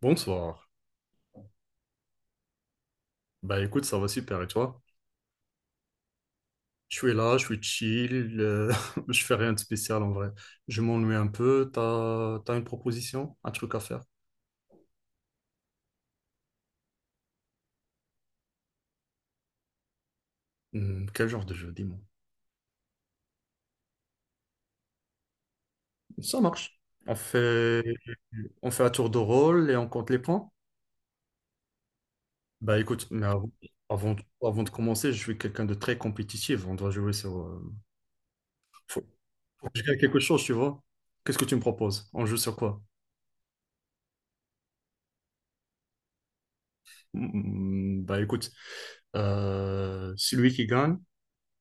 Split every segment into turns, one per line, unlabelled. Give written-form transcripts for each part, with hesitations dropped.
Bonsoir. Bah écoute, ça va super et toi? Je suis là, je suis chill, je fais rien de spécial en vrai. Je m'ennuie un peu, t'as une proposition, un truc à faire? Hmm, quel genre de jeu, dis-moi. Ça marche. On fait, on fait un tour de rôle et on compte les points? Bah écoute, mais avant, avant de commencer, je suis quelqu'un de très compétitif, on doit jouer sur... faut, faut que je gagne quelque chose, tu vois? Qu'est-ce que tu me proposes? On joue sur quoi? Hmm, bah écoute, celui qui gagne...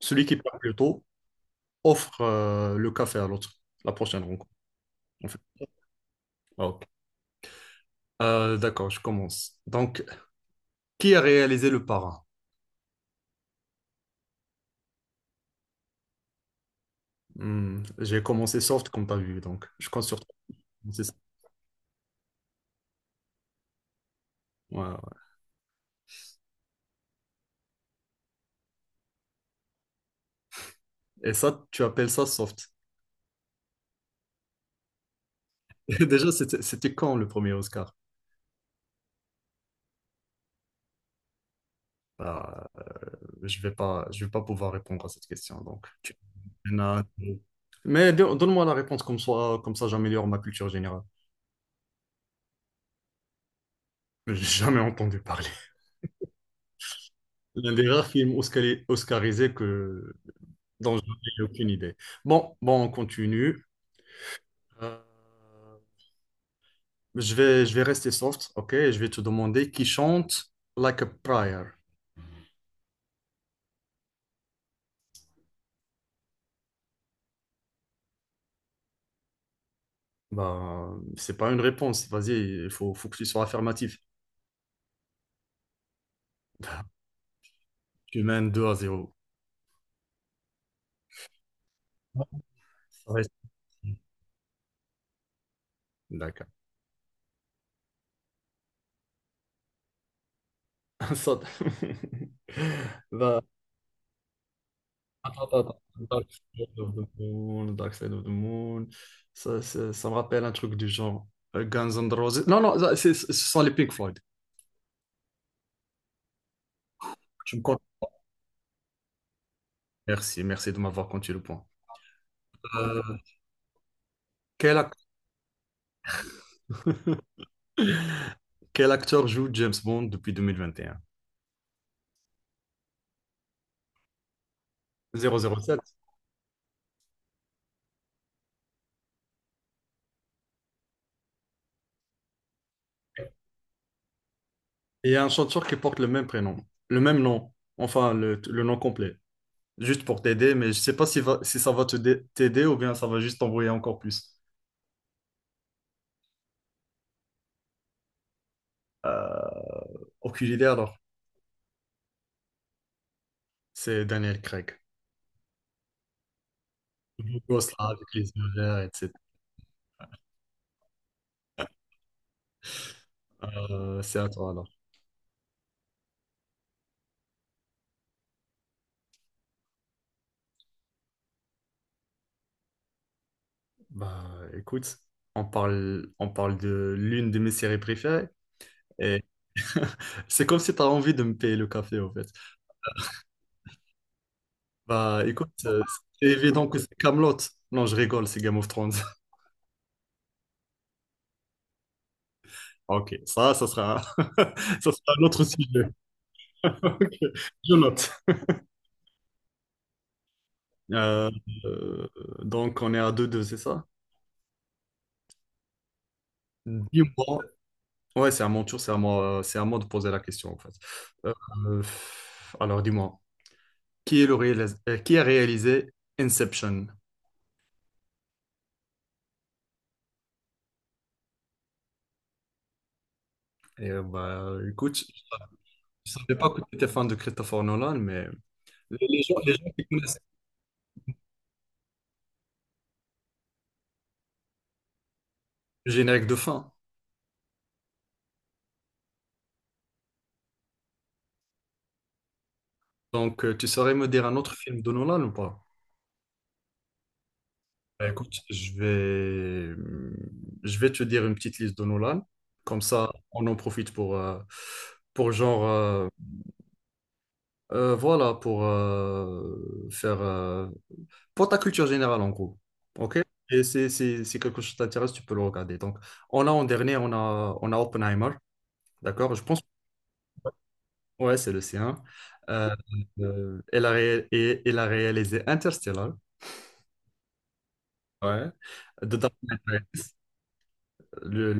Celui qui parle plus tôt offre le café à l'autre, la prochaine rencontre, en fait. Ah, ok. D'accord, je commence. Donc, qui a réalisé le parrain? Hmm, j'ai commencé soft, comme tu as vu, donc je compte sur toi. C'est ça. Ouais, ouais. Et ça, tu appelles ça soft. Déjà, c'était quand le premier Oscar? Ah, je vais pas pouvoir répondre à cette question. Donc, tu- il y en a deux. Mais don- donne-moi la réponse comme ça j'améliore ma culture générale. J'ai jamais entendu parler. L'un des rares films oscari- oscarisés que donc, j'en ai aucune idée. Bon, on continue. Euh, je vais rester soft, ok? Je vais te demander qui chante Like a Prayer. Bah, c'est pas une réponse. Vas-y, faut que tu sois affirmatif. Tu mènes 2 à 0. Ouais. D'accord. Ça- Bah, attends. Dark Side of the Moon. Ça me rappelle un truc du genre Guns N' Roses. Non, ça, c'est- ce sont les Pink Floyd. Tu me comptes merci, merci de m'avoir compté le point. Euh, quel, ac- quel acteur joue James Bond depuis 2021? 007. Et un? Zéro zéro sept. Et il y a un chanteur qui porte le même prénom, le même nom, enfin le nom complet. Juste pour t'aider, mais je sais pas si, va- si ça va te dé- t'aider ou bien ça va juste t'embrouiller encore plus. Aucune idée alors. C'est Daniel Craig. Le gosse là avec les yeux verts, etc. C'est à toi alors. Bah écoute, on parle de l'une de mes séries préférées et c'est comme si tu as envie de me payer le café en fait. Bah écoute, c'est évident que c'est Camelot. Non, je rigole, c'est Game of Thrones. Ok, ça sera un autre sujet. Ok, je note. Euh, euh, donc, on est à deux deux, c'est ça? Dis-moi. Ouais, c'est à mon tour, c'est à moi de poser la question, en fait. Euh, euh, alors, dis-moi, qui a réalisé Inception? Et, bah, écoute, je ne savais pas que tu étais fan de Christopher Nolan, mais les les gens qui connaissent le générique de fin. Donc, tu saurais me dire un autre film de Nolan ou pas? Bah, écoute, je vais te dire une petite liste de Nolan. Comme ça, on en profite pour genre, voilà, pour faire, pour ta culture générale en gros. OK? Et c'est quelque chose t'intéresse, tu peux le regarder. Donc, on a en dernier, on a Oppenheimer. D'accord? Je pense, ouais, c'est le sien. Euh, elle a réalisé Interstellar. Ouais. De Dark Knight Rises. Le,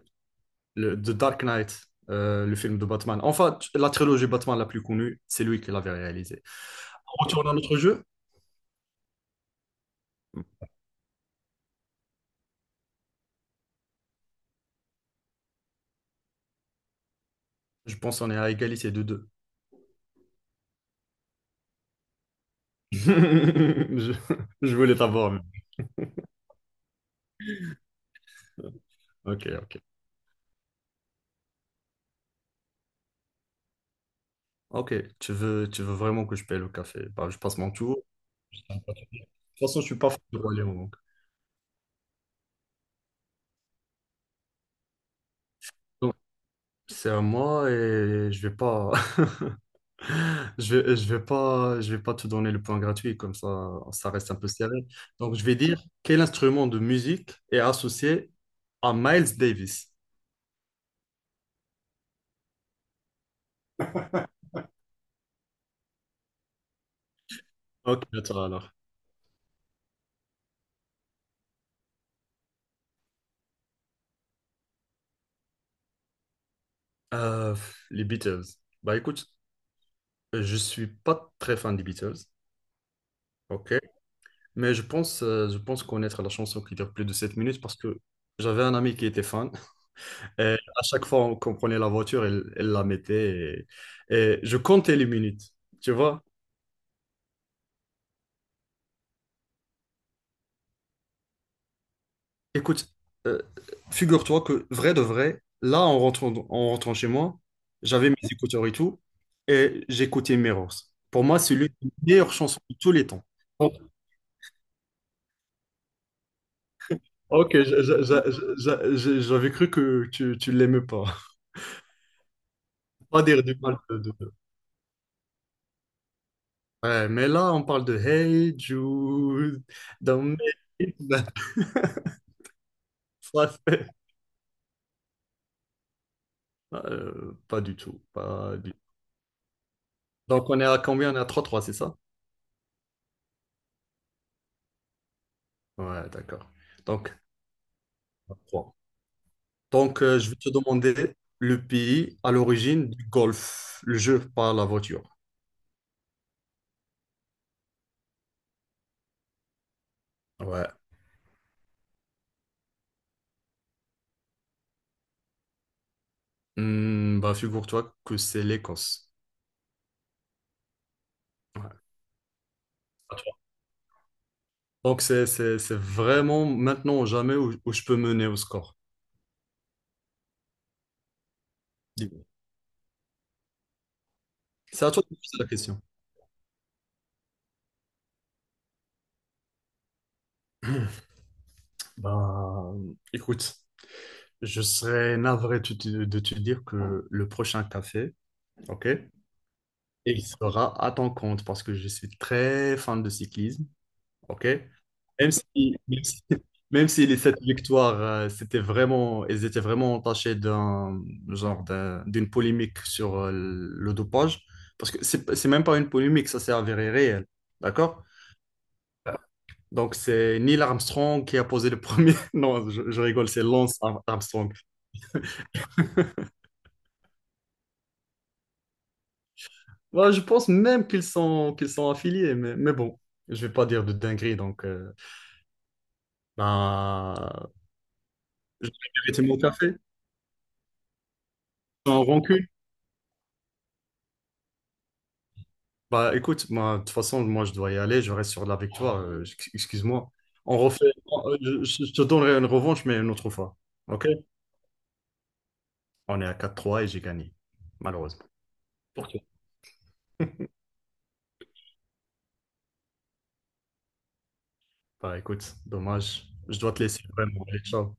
The Dark Knight, le film de Batman. Enfin, la trilogie Batman la plus connue, c'est lui qui l'avait réalisée. En retournant à notre jeu, je pense qu'on est à égalité de deux. Je, je voulais t'avoir. Mais- ok, ok. Ok, tu veux vraiment que je paye le café. Bah, je passe mon tour. De toute façon, je suis pas fan de Roi Lion, donc. Donc, c'est à moi et je vais pas. Je vais pas te donner le point gratuit, comme ça reste un peu serré. Donc, je vais dire quel instrument de musique est associé à Miles Davis. Ok, attends alors. Euh, les Beatles. Bah écoute, je suis pas très fan des Beatles, ok. Mais je pense connaître la chanson qui dure plus de 7 minutes parce que j'avais un ami qui était fan. Et à chaque fois qu'on prenait la voiture, elle la mettait et je comptais les minutes, tu vois. Écoute, euh, figure-toi que vrai de vrai, là en rentrant chez moi, j'avais mes écouteurs et tout, et j'écoutais Mirrors. Pour moi, c'est l'une des meilleures chansons de tous les temps. Donc, ok, j'avais cru que tu l'aimais pas. Pas dire du mal de- ouais, mais là, on parle de Hey Jude, don't make it. Ça, c'est- euh, pas du tout, pas du- donc on est à combien? On est à trois trois, c'est ça? Ouais, d'accord. Donc, Donc, je vais te demander le pays à l'origine du golf, le jeu par la voiture. Ouais. Hmm, bah, figure-toi que c'est l'Écosse. Ouais. À toi. Donc, c'est vraiment maintenant ou jamais où, où je peux mener au score. Dis-moi. C'est à toi de me poser la question. Bah, écoute, je serais navré de de te dire que le prochain café, ok, il sera à ton compte parce que je suis très fan de cyclisme. OK? Même si, même si, même si les 7 victoires, c'était vraiment, elles étaient vraiment entachées d'un d'une polémique sur le dopage, parce que c'est même pas une polémique, ça c'est avéré réel, d'accord? Donc c'est Neil Armstrong qui a posé le premier. Non, je rigole, c'est Lance Ar- Armstrong. Moi, je pense même qu'ils sont affiliés, mais bon, je vais pas dire de dinguerie, donc ben, je vais arrêter mon café. Sans rancune. Bah écoute, moi, de toute façon, moi je dois y aller, je reste sur de la victoire, ex- excuse-moi. On refait, te donnerai une revanche, mais une autre fois. Ok? On est à 4-3 et j'ai gagné, malheureusement. Ok. Bah écoute, dommage, je dois te laisser vraiment. Allez, ciao.